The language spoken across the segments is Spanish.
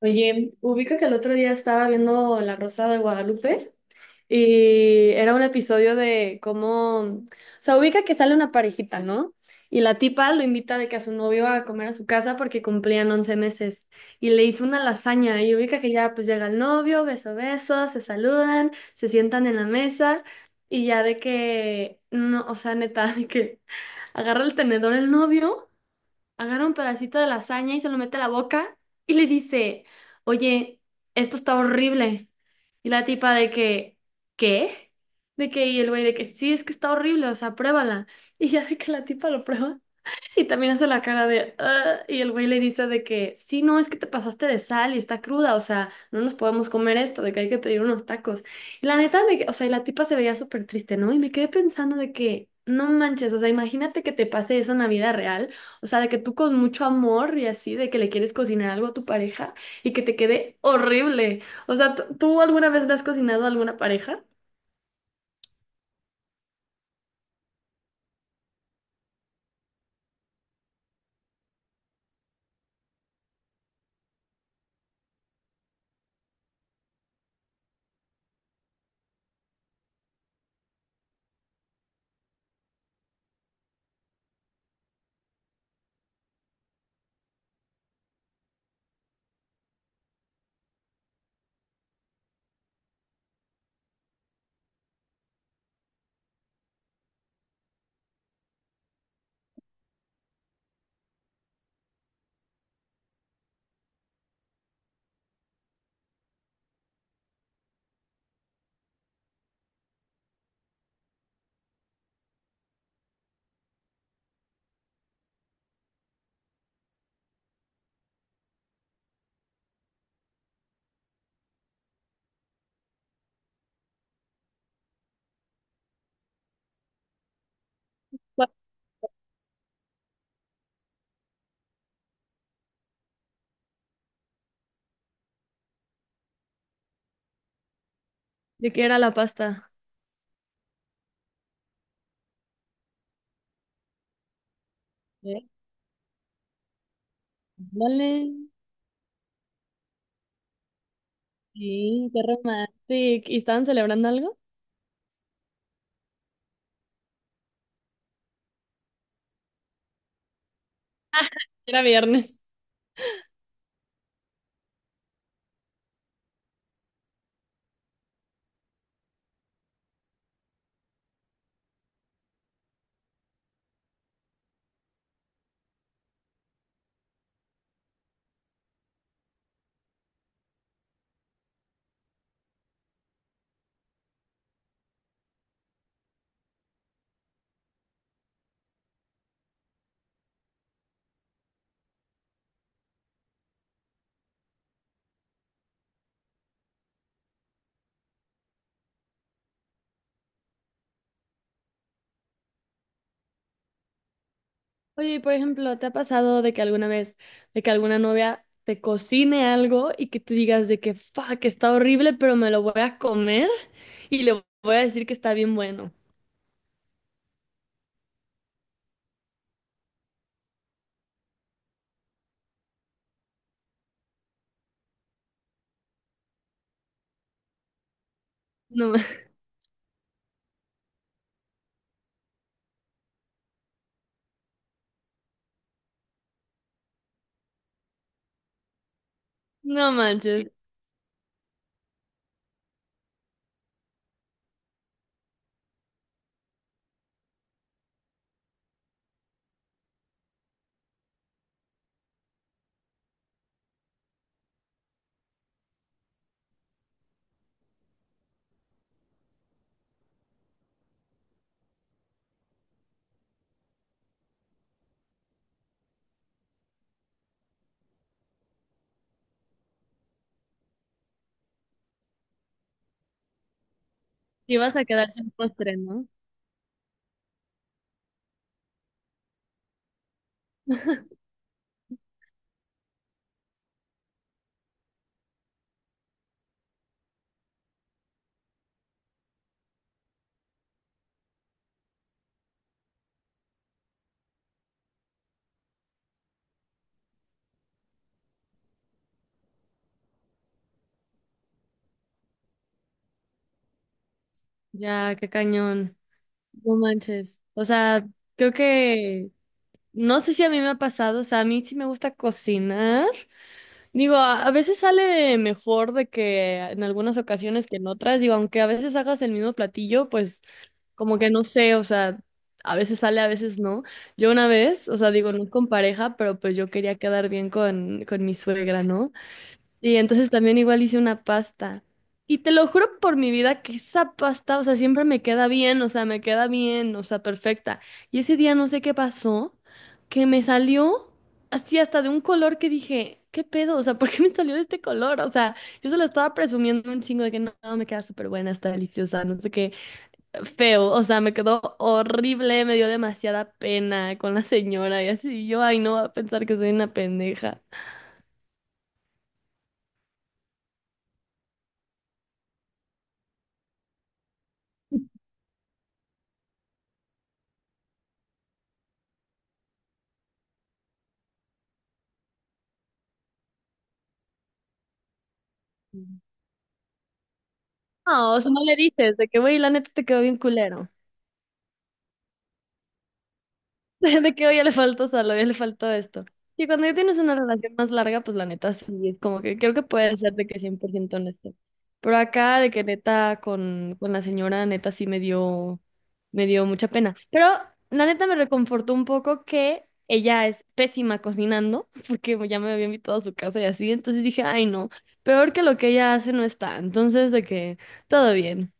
Oye, ubica que el otro día estaba viendo La Rosa de Guadalupe y era un episodio de cómo, o sea, ubica que sale una parejita, ¿no? Y la tipa lo invita de que a su novio a comer a su casa porque cumplían 11 meses y le hizo una lasaña y ubica que ya pues llega el novio, beso, beso, se saludan, se sientan en la mesa y ya de que, no, o sea, neta, de que agarra el tenedor el novio agarra un pedacito de lasaña y se lo mete a la boca y le dice, oye, esto está horrible. Y la tipa de que, ¿qué? De que, y el güey de que, sí, es que está horrible, o sea, pruébala. Y ya de que la tipa lo prueba y también hace la cara de, "Ah", y el güey le dice de que, sí, no, es que te pasaste de sal y está cruda, o sea, no nos podemos comer esto, de que hay que pedir unos tacos. Y la neta, o sea, y la tipa se veía súper triste, ¿no? Y me quedé pensando de que, no manches, o sea, imagínate que te pase eso en la vida real, o sea, de que tú con mucho amor y así, de que le quieres cocinar algo a tu pareja y que te quede horrible. O sea, ¿tú alguna vez le has cocinado a alguna pareja? Bueno, ¿de qué era la pasta? Eh, dale. Sí, qué romántico. ¿Y estaban celebrando algo? Era viernes. Oye, y por ejemplo, ¿te ha pasado de que alguna vez, de que alguna novia te cocine algo y que tú digas de que, fuck, está horrible, pero me lo voy a comer y le voy a decir que está bien bueno? No, no manches. Y vas a quedar sin postre, ¿no? Ya, qué cañón. No manches. O sea, creo que, no sé si a mí me ha pasado, o sea, a mí sí me gusta cocinar. Digo, a veces sale mejor de que en algunas ocasiones que en otras, digo, aunque a veces hagas el mismo platillo, pues como que no sé, o sea, a veces sale, a veces no. Yo una vez, o sea, digo, no con pareja, pero pues yo quería quedar bien con mi suegra, ¿no? Y entonces también igual hice una pasta. Y te lo juro por mi vida que esa pasta, o sea, siempre me queda bien, o sea, me queda bien, o sea, perfecta. Y ese día no sé qué pasó, que me salió así hasta de un color que dije, ¿qué pedo? O sea, ¿por qué me salió de este color? O sea, yo se lo estaba presumiendo un chingo de que no, me queda súper buena, está deliciosa, no sé qué, feo, o sea, me quedó horrible, me dio demasiada pena con la señora y así, yo, ay, no va a pensar que soy una pendeja. No, o sea, no le dices de que, güey, la neta te quedó bien culero. De que, oye, le faltó sal, oye, le faltó esto. Y cuando ya tienes una relación más larga, pues la neta sí, es como que creo que puede ser de que 100% honesto. Pero acá, de que neta con la señora, neta sí me dio mucha pena. Pero la neta me reconfortó un poco que ella es pésima cocinando, porque ya me había invitado a su casa y así. Entonces dije, ay, no, peor que lo que ella hace no está. Entonces, de que todo bien.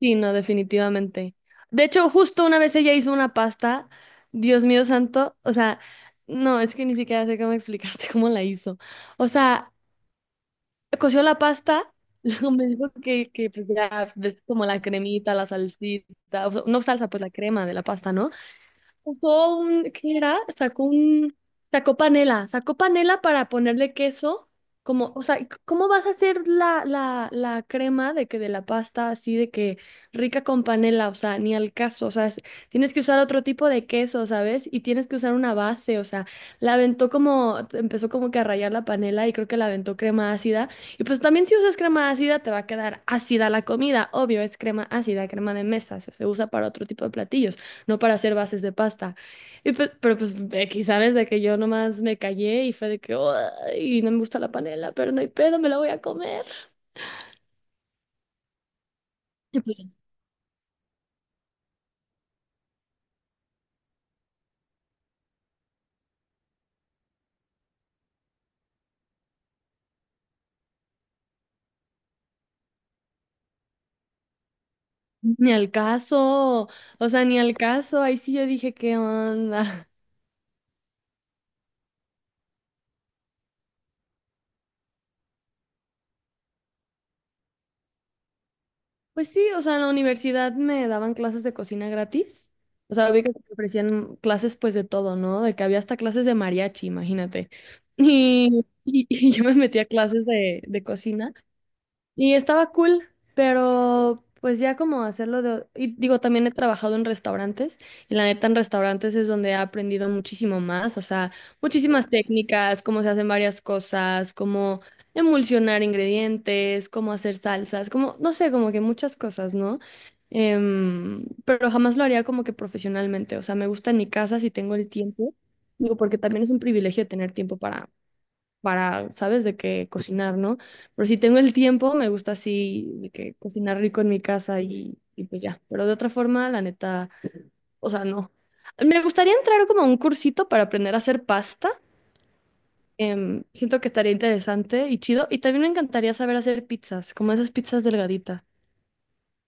Sí, no, definitivamente. De hecho, justo una vez ella hizo una pasta, Dios mío santo, o sea, no, es que ni siquiera sé cómo explicarte cómo la hizo. O sea, coció la pasta, luego me dijo que pues ya, ves como la cremita, la salsita, o sea, no salsa, pues la crema de la pasta, ¿no? Sacó un, ¿qué era? Sacó un, sacó panela para ponerle queso, como, o sea, ¿cómo vas a hacer la crema de que de la pasta así de que rica con panela? O sea, ni al caso, o sea, tienes que usar otro tipo de queso, ¿sabes? Y tienes que usar una base, o sea, la aventó como, empezó como que a rayar la panela y creo que la aventó crema ácida. Y pues también si usas crema ácida te va a quedar ácida la comida, obvio, es crema ácida, crema de mesa, se usa para otro tipo de platillos no para hacer bases de pasta. Y pues, pero pues X, ¿sabes? De que yo nomás me callé y fue de que, y no me gusta la panela, pero no hay pedo, me la voy a comer. Y pues, ni al caso, o sea, ni al caso, ahí sí yo dije, ¿qué onda? Pues sí, o sea, en la universidad me daban clases de cocina gratis. O sea, vi que te ofrecían clases pues de todo, ¿no? De que había hasta clases de mariachi, imagínate. Y yo me metí a clases de cocina. Y estaba cool, pero pues ya como hacerlo de... Y digo, también he trabajado en restaurantes y la neta en restaurantes es donde he aprendido muchísimo más, o sea, muchísimas técnicas, cómo se hacen varias cosas, cómo emulsionar ingredientes, cómo hacer salsas, como, no sé, como que muchas cosas, ¿no? Em, pero jamás lo haría como que profesionalmente, o sea, me gusta en mi casa si tengo el tiempo, digo, porque también es un privilegio tener tiempo para, ¿sabes? De que cocinar, ¿no? Pero si tengo el tiempo, me gusta así, de que cocinar rico en mi casa y pues ya. Pero de otra forma, la neta, o sea, no. Me gustaría entrar como a un cursito para aprender a hacer pasta. Em, siento que estaría interesante y chido. Y también me encantaría saber hacer pizzas, como esas pizzas delgaditas.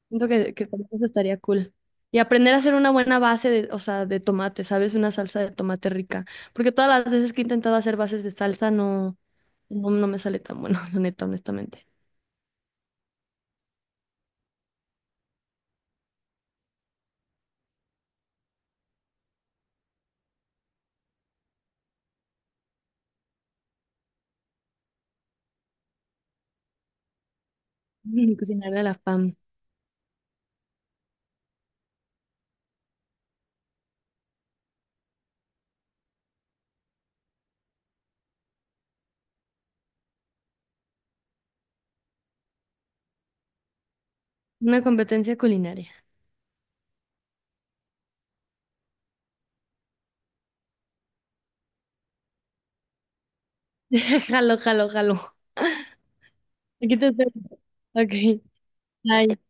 Siento que también eso estaría cool. Y aprender a hacer una buena base de, o sea, de tomate, ¿sabes? Una salsa de tomate rica. Porque todas las veces que he intentado hacer bases de salsa, no, no me sale tan bueno, la neta, honestamente. Mm, cocinar de la fam. Una competencia culinaria. Jalo, jalo, jalo. Aquí te espero. Ok. Bye.